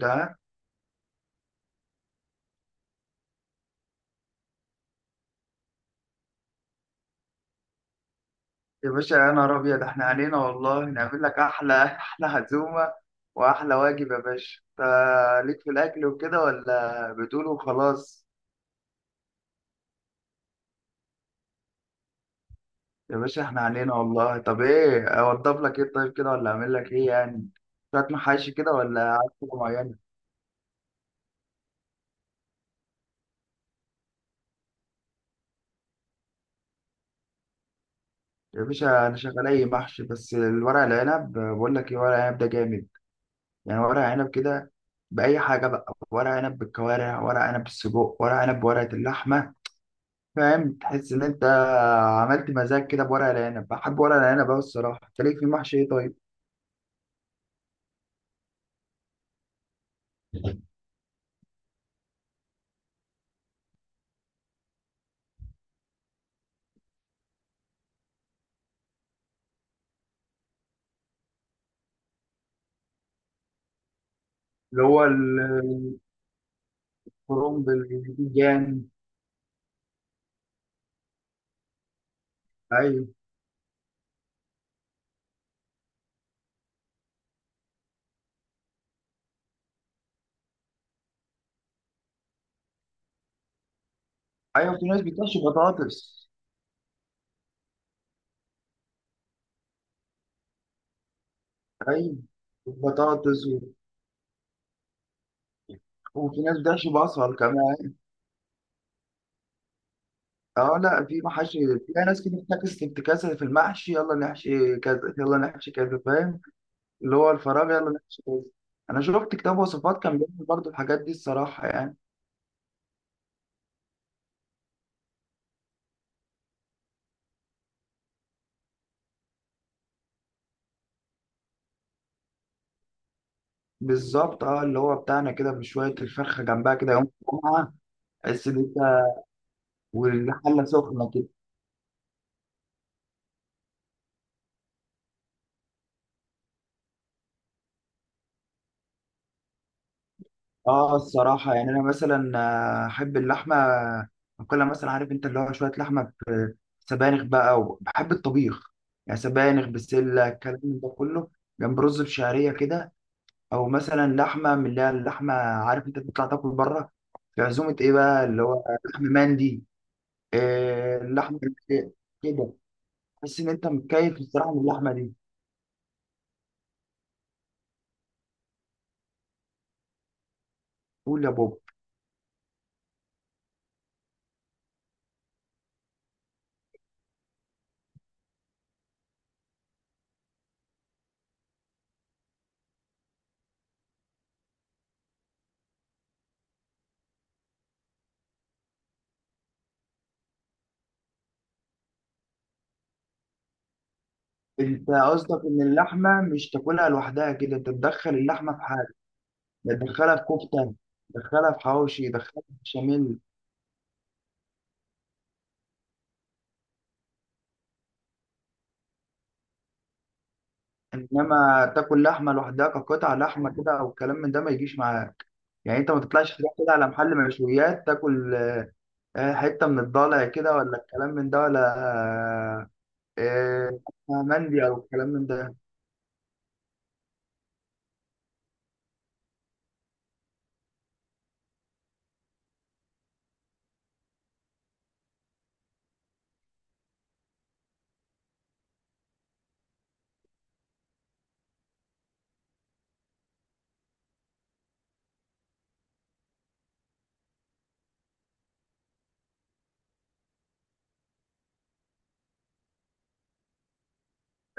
ده، يا باشا يا نهار ابيض احنا علينا والله نعمل لك احلى احلى عزومه، واحلى واجب يا باشا. فليك في الاكل وكده ولا بتقول وخلاص؟ يا باشا احنا علينا والله. طب ايه اوضب لك، ايه طيب كده ولا اعمل لك ايه يعني؟ شويه محاشي كده ولا عايز حاجه معينه؟ يا باشا انا شغال اي محشي، بس الورق العنب، بقول لك ايه، ورق العنب ده جامد. يعني ورق عنب كده باي حاجه بقى، ورق عنب بالكوارع، ورق عنب بالسجق، ورق عنب بورقه اللحمه. فاهم؟ تحس ان انت عملت مزاج كده بورق العنب. بحب ورق العنب قوي الصراحه. انت ليك في محشي ايه طيب؟ اللي هو الكرنب بالبتنجان. ايوه ايوه، في ناس بتحشي بطاطس. ايوه، بطاطس وفي ناس بتحشي بصل كمان. اه لا، في محاشي، في ناس كده بتعكس انتكاسه في المحشي، يلا نحشي كذا يلا نحشي كذا، فاهم؟ اللي هو الفراغ، يلا نحشي كذا. انا شفت كتاب وصفات كان بيعمل برضه الحاجات دي الصراحه يعني. بالظبط، اه، اللي هو بتاعنا كده بشوية الفرخة جنبها كده يوم الجمعة. تحس إن أنت والحلة سخنة كده. اه الصراحة يعني أنا مثلا أحب اللحمة، أكلها مثلا، عارف أنت، اللي هو شوية لحمة في سبانخ بقى. وبحب الطبيخ، يعني سبانخ بسلة الكلام ده كله، جنب رز بشعرية كده. أو مثلا لحمة من اللي هي اللحمة، عارف أنت، بتطلع تاكل بره في عزومة، إيه بقى اللي هو لحم مندي. آه اللحمة كده، تحس إن أنت متكيف الصراحة من اللحمة دي. قول يا بابا. انت قصدك ان اللحمه مش تاكلها لوحدها كده، انت تدخل اللحمه في حاجه، تدخلها في كفته، تدخلها في حواوشي، تدخلها في بشاميل. انما تاكل لحمه لوحدها كقطع لحمه كده او الكلام من ده ما يجيش معاك. يعني انت ما تطلعش تروح كده على محل مشويات تاكل حته من الضلع كده، ولا الكلام من ده، ولا مندي، او الكلام من ده.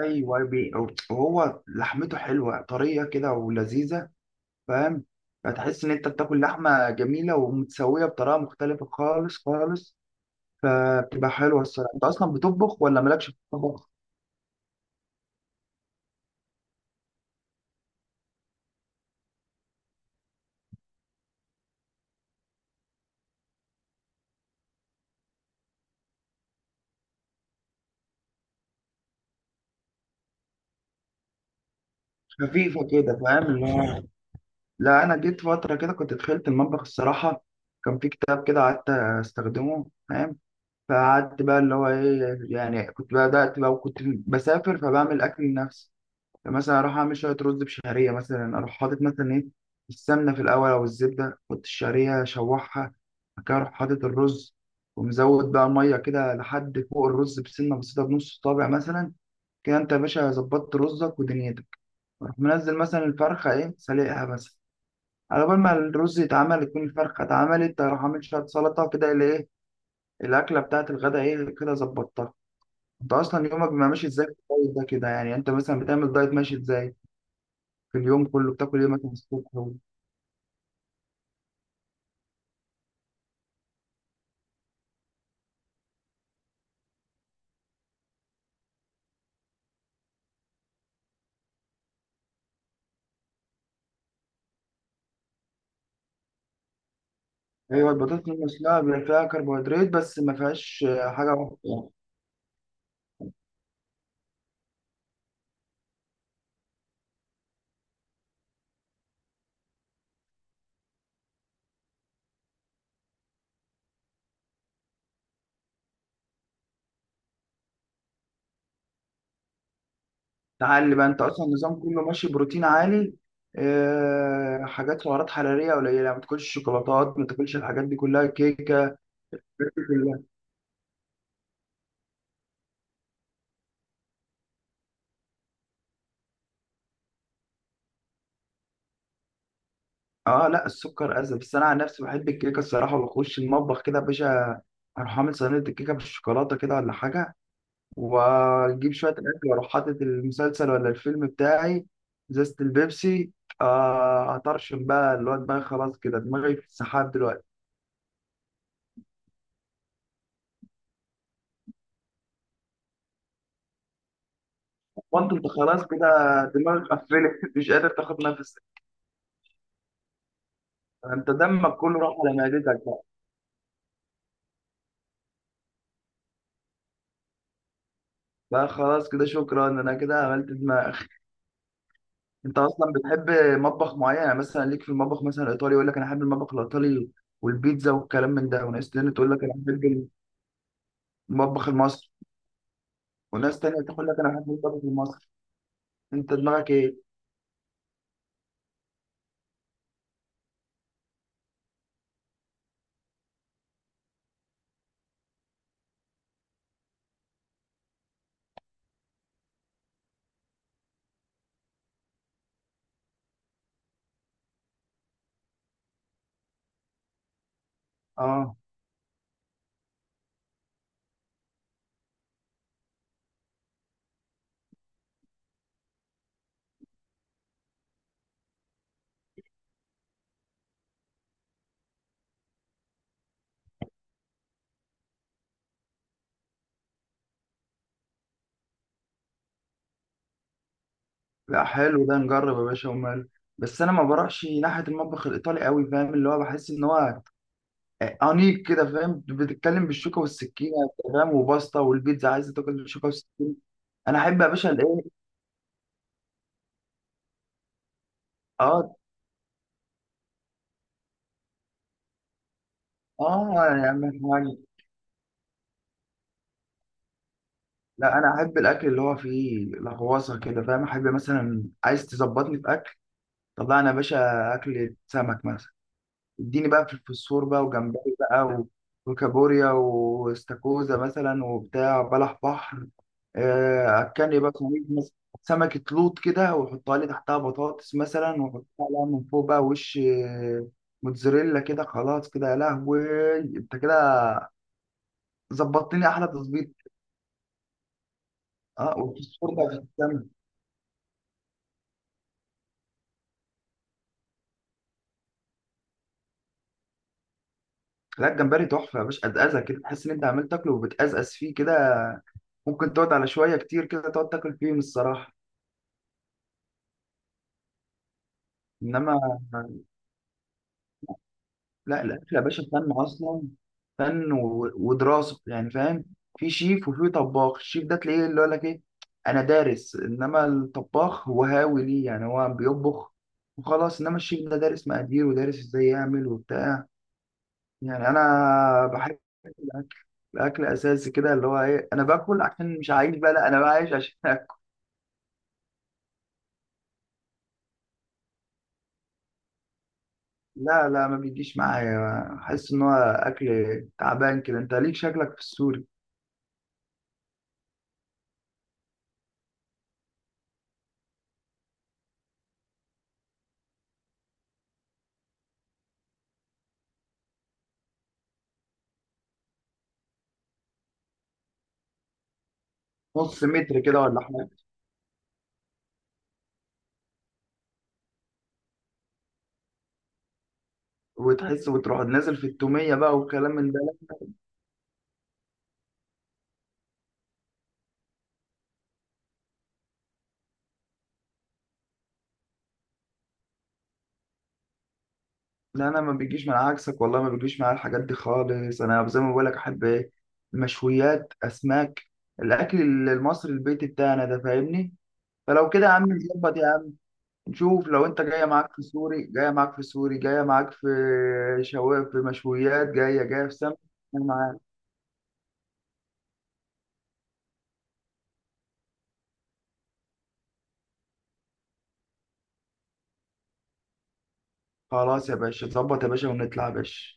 ايوه وهو لحمته حلوه طريه كده ولذيذه. فاهم؟ فتحس ان انت بتاكل لحمه جميله ومتسويه بطريقه مختلفه خالص خالص، فبتبقى حلوه الصراحه. انت اصلا بتطبخ ولا مالكش في الطبخ؟ خفيفه كده فاهم، اللي هو، لا انا جيت فتره كده كنت دخلت المطبخ الصراحه. كان في كتاب كده قعدت استخدمه، فاهم؟ فقعدت بقى اللي هو ايه يعني، كنت بدات بقى وكنت بسافر، فبعمل اكل لنفسي. يعني مثلا اروح اعمل شويه رز بشعريه، مثلا اروح حاطط مثلا ايه، السمنه في الاول او الزبده، احط الشعريه اشوحها، بعد كده اروح حاطط الرز، ومزود بقى ميه كده لحد فوق الرز بسنه بسيطه، بنص صابع مثلا. كده انت يا باشا ظبطت رزك ودنيتك. اروح منزل مثلا الفرخه، ايه، سلقها بس، على بال ما الرز يتعمل تكون الفرخه اتعملت، اروح اعمل شويه سلطه كده، اللي ايه، الاكله بتاعت الغداء ايه كده ظبطتها. انت اصلا يومك بيبقى ماشي ازاي في الدايت ده كده؟ يعني انت مثلا بتعمل دايت ماشي ازاي في اليوم كله؟ بتاكل ايه مثلا الصبح ايوه، البطاطس المسلوقه بيبقى فيها كربوهيدرات، بس ما فيهاش حاجه يعني. تعلي بقى، انت اصلا النظام كله ماشي بروتين عالي، حاجات سعرات حراريه قليله، ما تاكلش شوكولاتات، ما تاكلش الحاجات دي كلها، كيكه، الحاجات دي كلها. اه لا، السكر اذى، بس انا عن نفسي بحب الكيكه الصراحه، وبخش المطبخ كده يا باشا، اروح اعمل صينيه الكيكه بالشوكولاته كده ولا حاجه، واجيب شويه اكل، واروح حاطط المسلسل ولا الفيلم بتاعي، ازازه البيبسي، اطرشم بقى، اللي هو دماغي خلاص كده، دماغي في السحاب دلوقتي. وانت خلاص كده، دماغك قفلت، مش قادر تاخد نفسك. انت دمك كله راح على معدتك بقى. بقى خلاص كده شكرا، انا كده عملت دماغ. انت اصلا بتحب مطبخ معين؟ يعني مثلا ليك في المطبخ مثلا الايطالي، يقول لك انا احب المطبخ الايطالي والبيتزا والكلام من ده، وناس تانية تقول لك انا احب المطبخ المصري، وناس تانية تقول لك انا احب المطبخ المصري. انت دماغك ايه؟ اه لا حلو ده، نجرب يا باشا ومال. بس انا ما بروحش ناحيه المطبخ الايطالي قوي، فاهم؟ اللي هو بحس ان هو انيق كده، فاهم؟ بتتكلم بالشوكه والسكينه، فاهم؟ وباستا والبيتزا عايز تاكل بالشوكه والسكينه. انا احب يا باشا الايه، اه اه، يا عم الحاج. لا انا احب الاكل اللي هو فيه لغواصه كده، فاهم؟ احب مثلا، عايز تظبطني في اكل، طلعنا يا باشا اكل سمك مثلا، اديني بقى في الفسفور بقى، وجمبري بقى وكابوريا واستاكوزا مثلا، وبتاع بلح بحر، اكلني بقى صينية مثلا سمكة لوط كده، وحطها لي تحتها بطاطس مثلا، وحطها لها من فوق بقى وش، موتزاريلا كده. خلاص كده يا لهوي، انت كده ظبطتني احلى تظبيط. اه والفسفور بقى في السمنة. لا الجمبري تحفة يا باشا، قزقزة كده، تحس ان انت عمال تاكله وبتقزقز فيه كده، ممكن تقعد على شوية كتير كده تقعد تاكل فيهم الصراحة. انما، لا الاكل يا باشا فن اصلا، فن ودراسه يعني، فاهم؟ في شيف وفي طباخ. الشيف ده تلاقيه اللي يقول لك ايه، انا دارس. انما الطباخ هو هاوي، ليه؟ يعني هو بيطبخ وخلاص، انما الشيف ده دارس مقادير ودارس ازاي يعمل وبتاع. يعني انا بحب الاكل، الاكل اساسي كده، اللي هو ايه، انا باكل عشان مش عايش بقى، لا انا عايش عشان اكل. لا لا ما بيجيش معايا، احس ان هو اكل تعبان كده. انت ليك شكلك في السوري، نص متر كده ولا حاجه، وتحس وتروح نازل في التومية بقى والكلام من ده. لا انا ما بيجيش، من عكسك والله ما بيجيش معايا الحاجات دي خالص. انا زي ما بقول لك احب ايه، مشويات، اسماك، الاكل المصري البيتي بتاعنا ده، فاهمني؟ فلو كده يا عم نظبط يا عم، نشوف لو انت جايه معاك في سوري، جايه معاك في سوري، جايه معاك في شواف، في مشويات، جايه في سمك، أنا معاك. خلاص يا باشا اتظبط يا باشا ونطلع يا باشا.